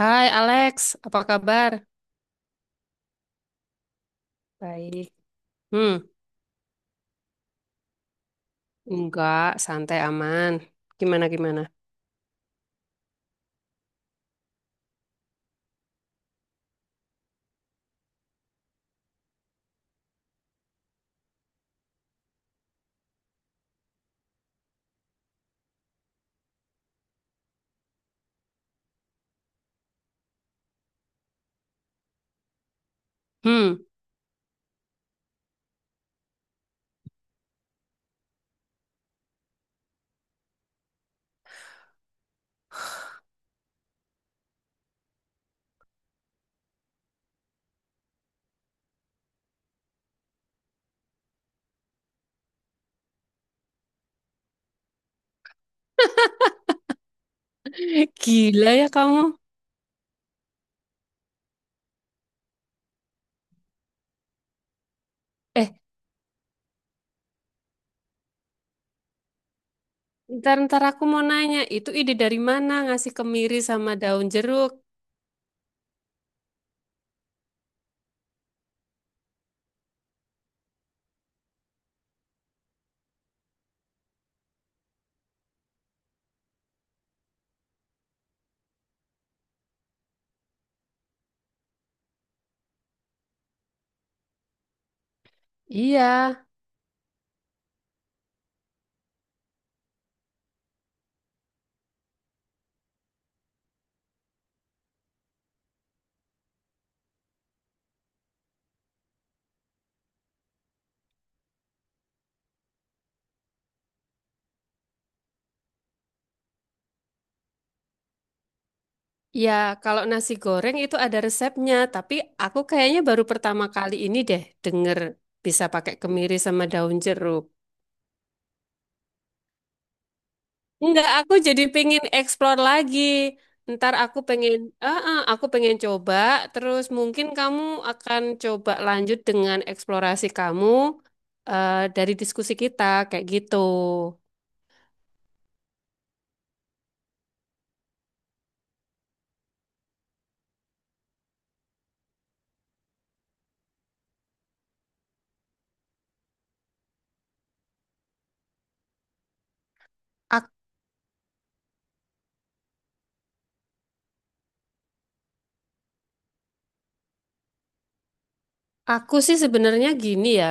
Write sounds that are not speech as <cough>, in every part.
Hai Alex, apa kabar? Baik. Hmm, enggak, santai aman. Gimana gimana? Hmm, <laughs> gila ya kamu. Eh, ntar ntar aku mau nanya, itu ide dari mana ngasih kemiri sama daun jeruk? Iya, ya kalau nasi goreng itu ada resepnya, tapi aku kayaknya baru pertama kali ini deh denger bisa pakai kemiri sama daun jeruk. Enggak, aku jadi pengen explore lagi. Ntar aku pengen coba. Terus mungkin kamu akan coba lanjut dengan eksplorasi kamu dari diskusi kita kayak gitu. Ak- aku sih sebenarnya gini ya.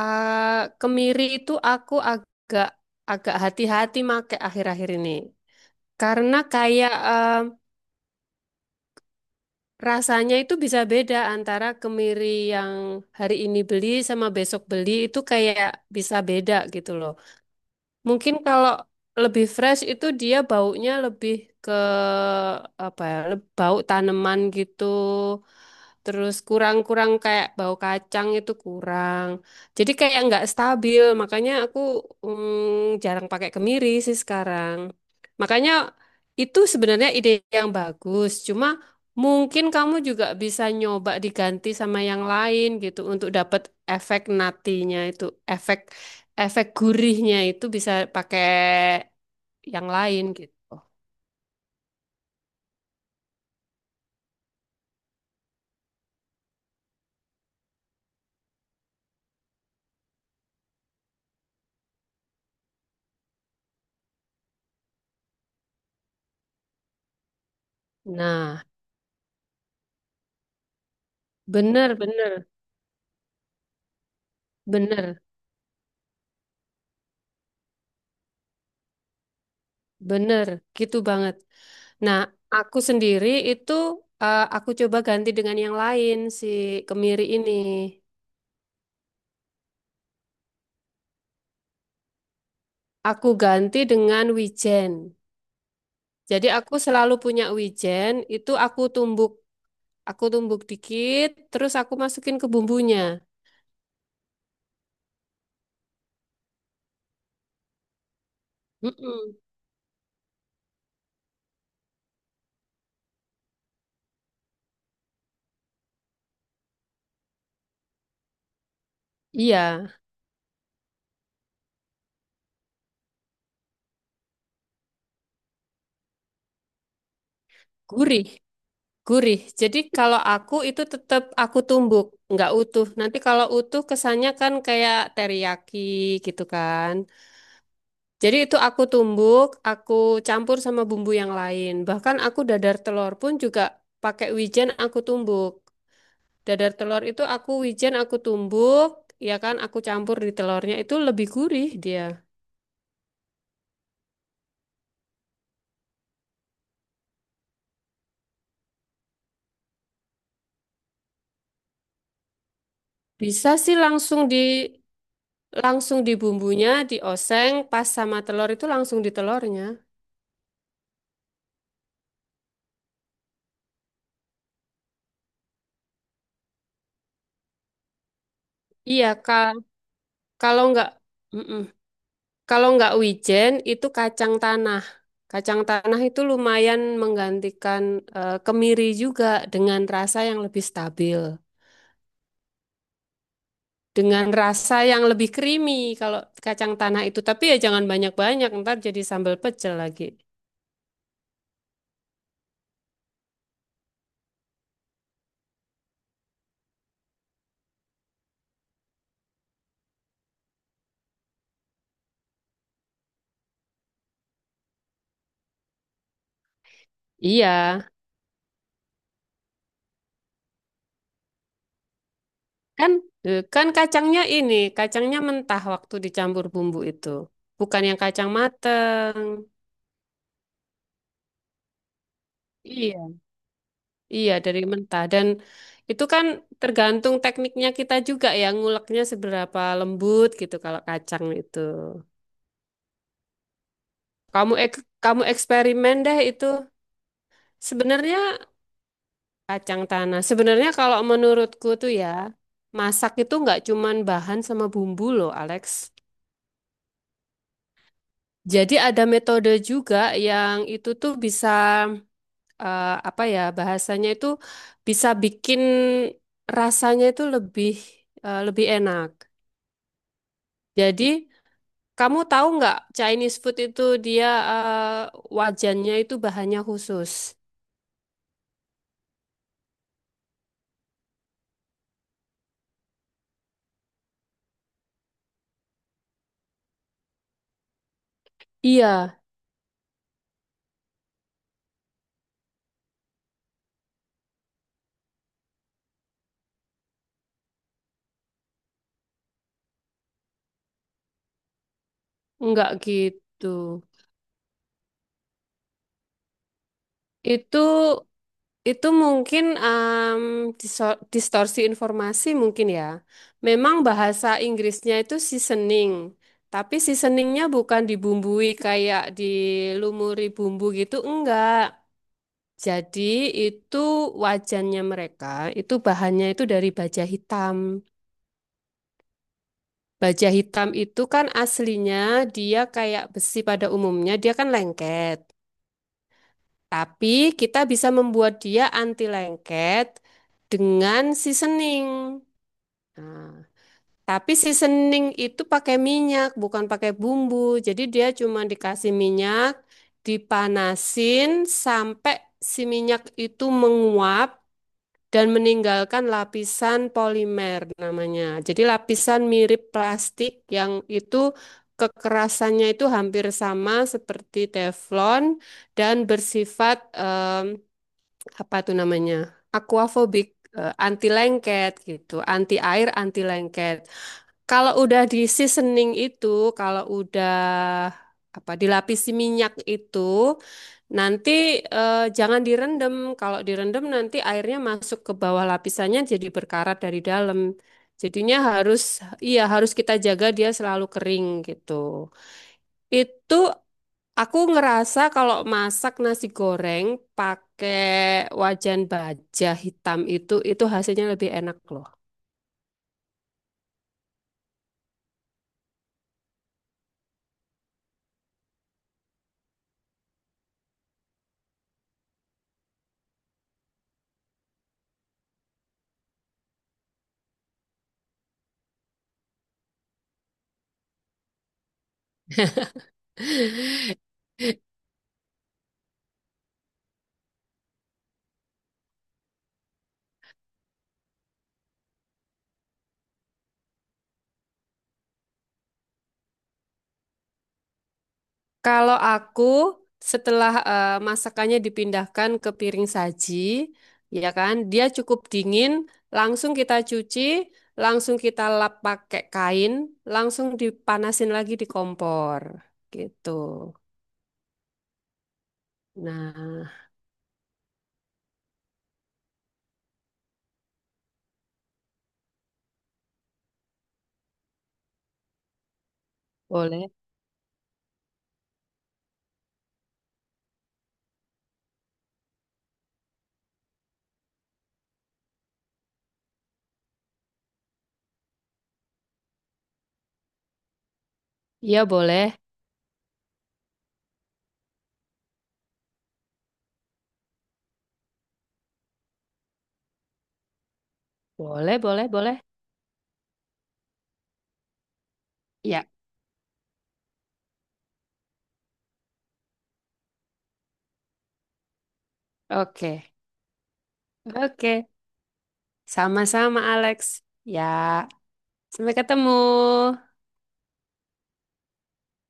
Kemiri itu aku agak agak hati-hati make akhir-akhir ini. Karena kayak rasanya itu bisa beda antara kemiri yang hari ini beli sama besok beli itu kayak bisa beda gitu loh. Mungkin kalau lebih fresh itu dia baunya lebih ke apa ya, bau tanaman gitu. Terus kurang-kurang kayak bau kacang itu kurang. Jadi kayak nggak stabil, makanya aku jarang pakai kemiri sih sekarang. Makanya itu sebenarnya ide yang bagus. Cuma mungkin kamu juga bisa nyoba diganti sama yang lain gitu untuk dapat efek natinya itu, efek efek gurihnya itu bisa pakai yang lain gitu. Nah, bener, bener, bener, bener, gitu banget. Nah, aku sendiri itu aku coba ganti dengan yang lain si kemiri ini. Aku ganti dengan wijen. Jadi aku selalu punya wijen, itu aku tumbuk dikit, terus aku masukin ke bumbunya. Mm-mm. Iya, gurih. Gurih. Jadi kalau aku itu tetap aku tumbuk, nggak utuh. Nanti kalau utuh kesannya kan kayak teriyaki gitu kan. Jadi itu aku tumbuk, aku campur sama bumbu yang lain. Bahkan aku dadar telur pun juga pakai wijen aku tumbuk. Dadar telur itu aku wijen aku tumbuk, ya kan aku campur di telurnya itu lebih gurih dia. Bisa sih langsung di bumbunya, dioseng pas sama telur itu langsung di telurnya. Iya, Kak. Kalau nggak, mm-mm. Kalau nggak wijen itu kacang tanah. Kacang tanah itu lumayan menggantikan kemiri juga dengan rasa yang lebih stabil, dengan rasa yang lebih creamy kalau kacang tanah itu. Tapi ya jangan banyak-banyak, ntar jadi sambal pecel lagi. Iya, kan kan kacangnya ini, kacangnya mentah waktu dicampur bumbu itu, bukan yang kacang mateng. Iya. Iya, dari mentah. Dan itu kan tergantung tekniknya kita juga ya, nguleknya seberapa lembut gitu kalau kacang itu. Kamu eksperimen deh itu. Sebenarnya kacang tanah. Sebenarnya kalau menurutku tuh ya, masak itu nggak cuman bahan sama bumbu loh, Alex. Jadi ada metode juga yang itu tuh bisa apa ya, bahasanya itu bisa bikin rasanya itu lebih lebih enak. Jadi kamu tahu nggak Chinese food itu dia wajannya itu bahannya khusus. Iya, nggak gitu. Itu itu mungkin distorsi informasi mungkin ya. Memang bahasa Inggrisnya itu seasoning, tapi seasoningnya bukan dibumbui kayak dilumuri bumbu gitu, enggak. Jadi itu wajannya mereka, itu bahannya itu dari baja hitam. Baja hitam itu kan aslinya dia kayak besi pada umumnya, dia kan lengket. Tapi kita bisa membuat dia anti lengket dengan seasoning. Nah, tapi seasoning itu pakai minyak, bukan pakai bumbu. Jadi dia cuma dikasih minyak, dipanasin sampai si minyak itu menguap dan meninggalkan lapisan polimer namanya. Jadi lapisan mirip plastik yang itu kekerasannya itu hampir sama seperti teflon dan bersifat apa tuh namanya? Aquafobik, eh, anti lengket gitu, anti air, anti lengket. Kalau udah di seasoning itu, kalau udah apa dilapisi minyak itu, nanti jangan direndam. Kalau direndam nanti airnya masuk ke bawah lapisannya jadi berkarat dari dalam. Jadinya harus iya harus kita jaga dia selalu kering gitu. Itu aku ngerasa kalau masak nasi goreng pakai wajan baja hitam itu hasilnya lebih enak loh. <laughs> Kalau aku setelah masakannya dipindahkan ke piring saji, ya kan, dia cukup dingin, langsung kita cuci, langsung kita lap pakai kain, langsung dipanasin lagi di kompor, gitu. Nah, boleh. Iya, boleh. Boleh, boleh, boleh. Ya, oke. Oke. Sama-sama, Alex. Ya, sampai ketemu.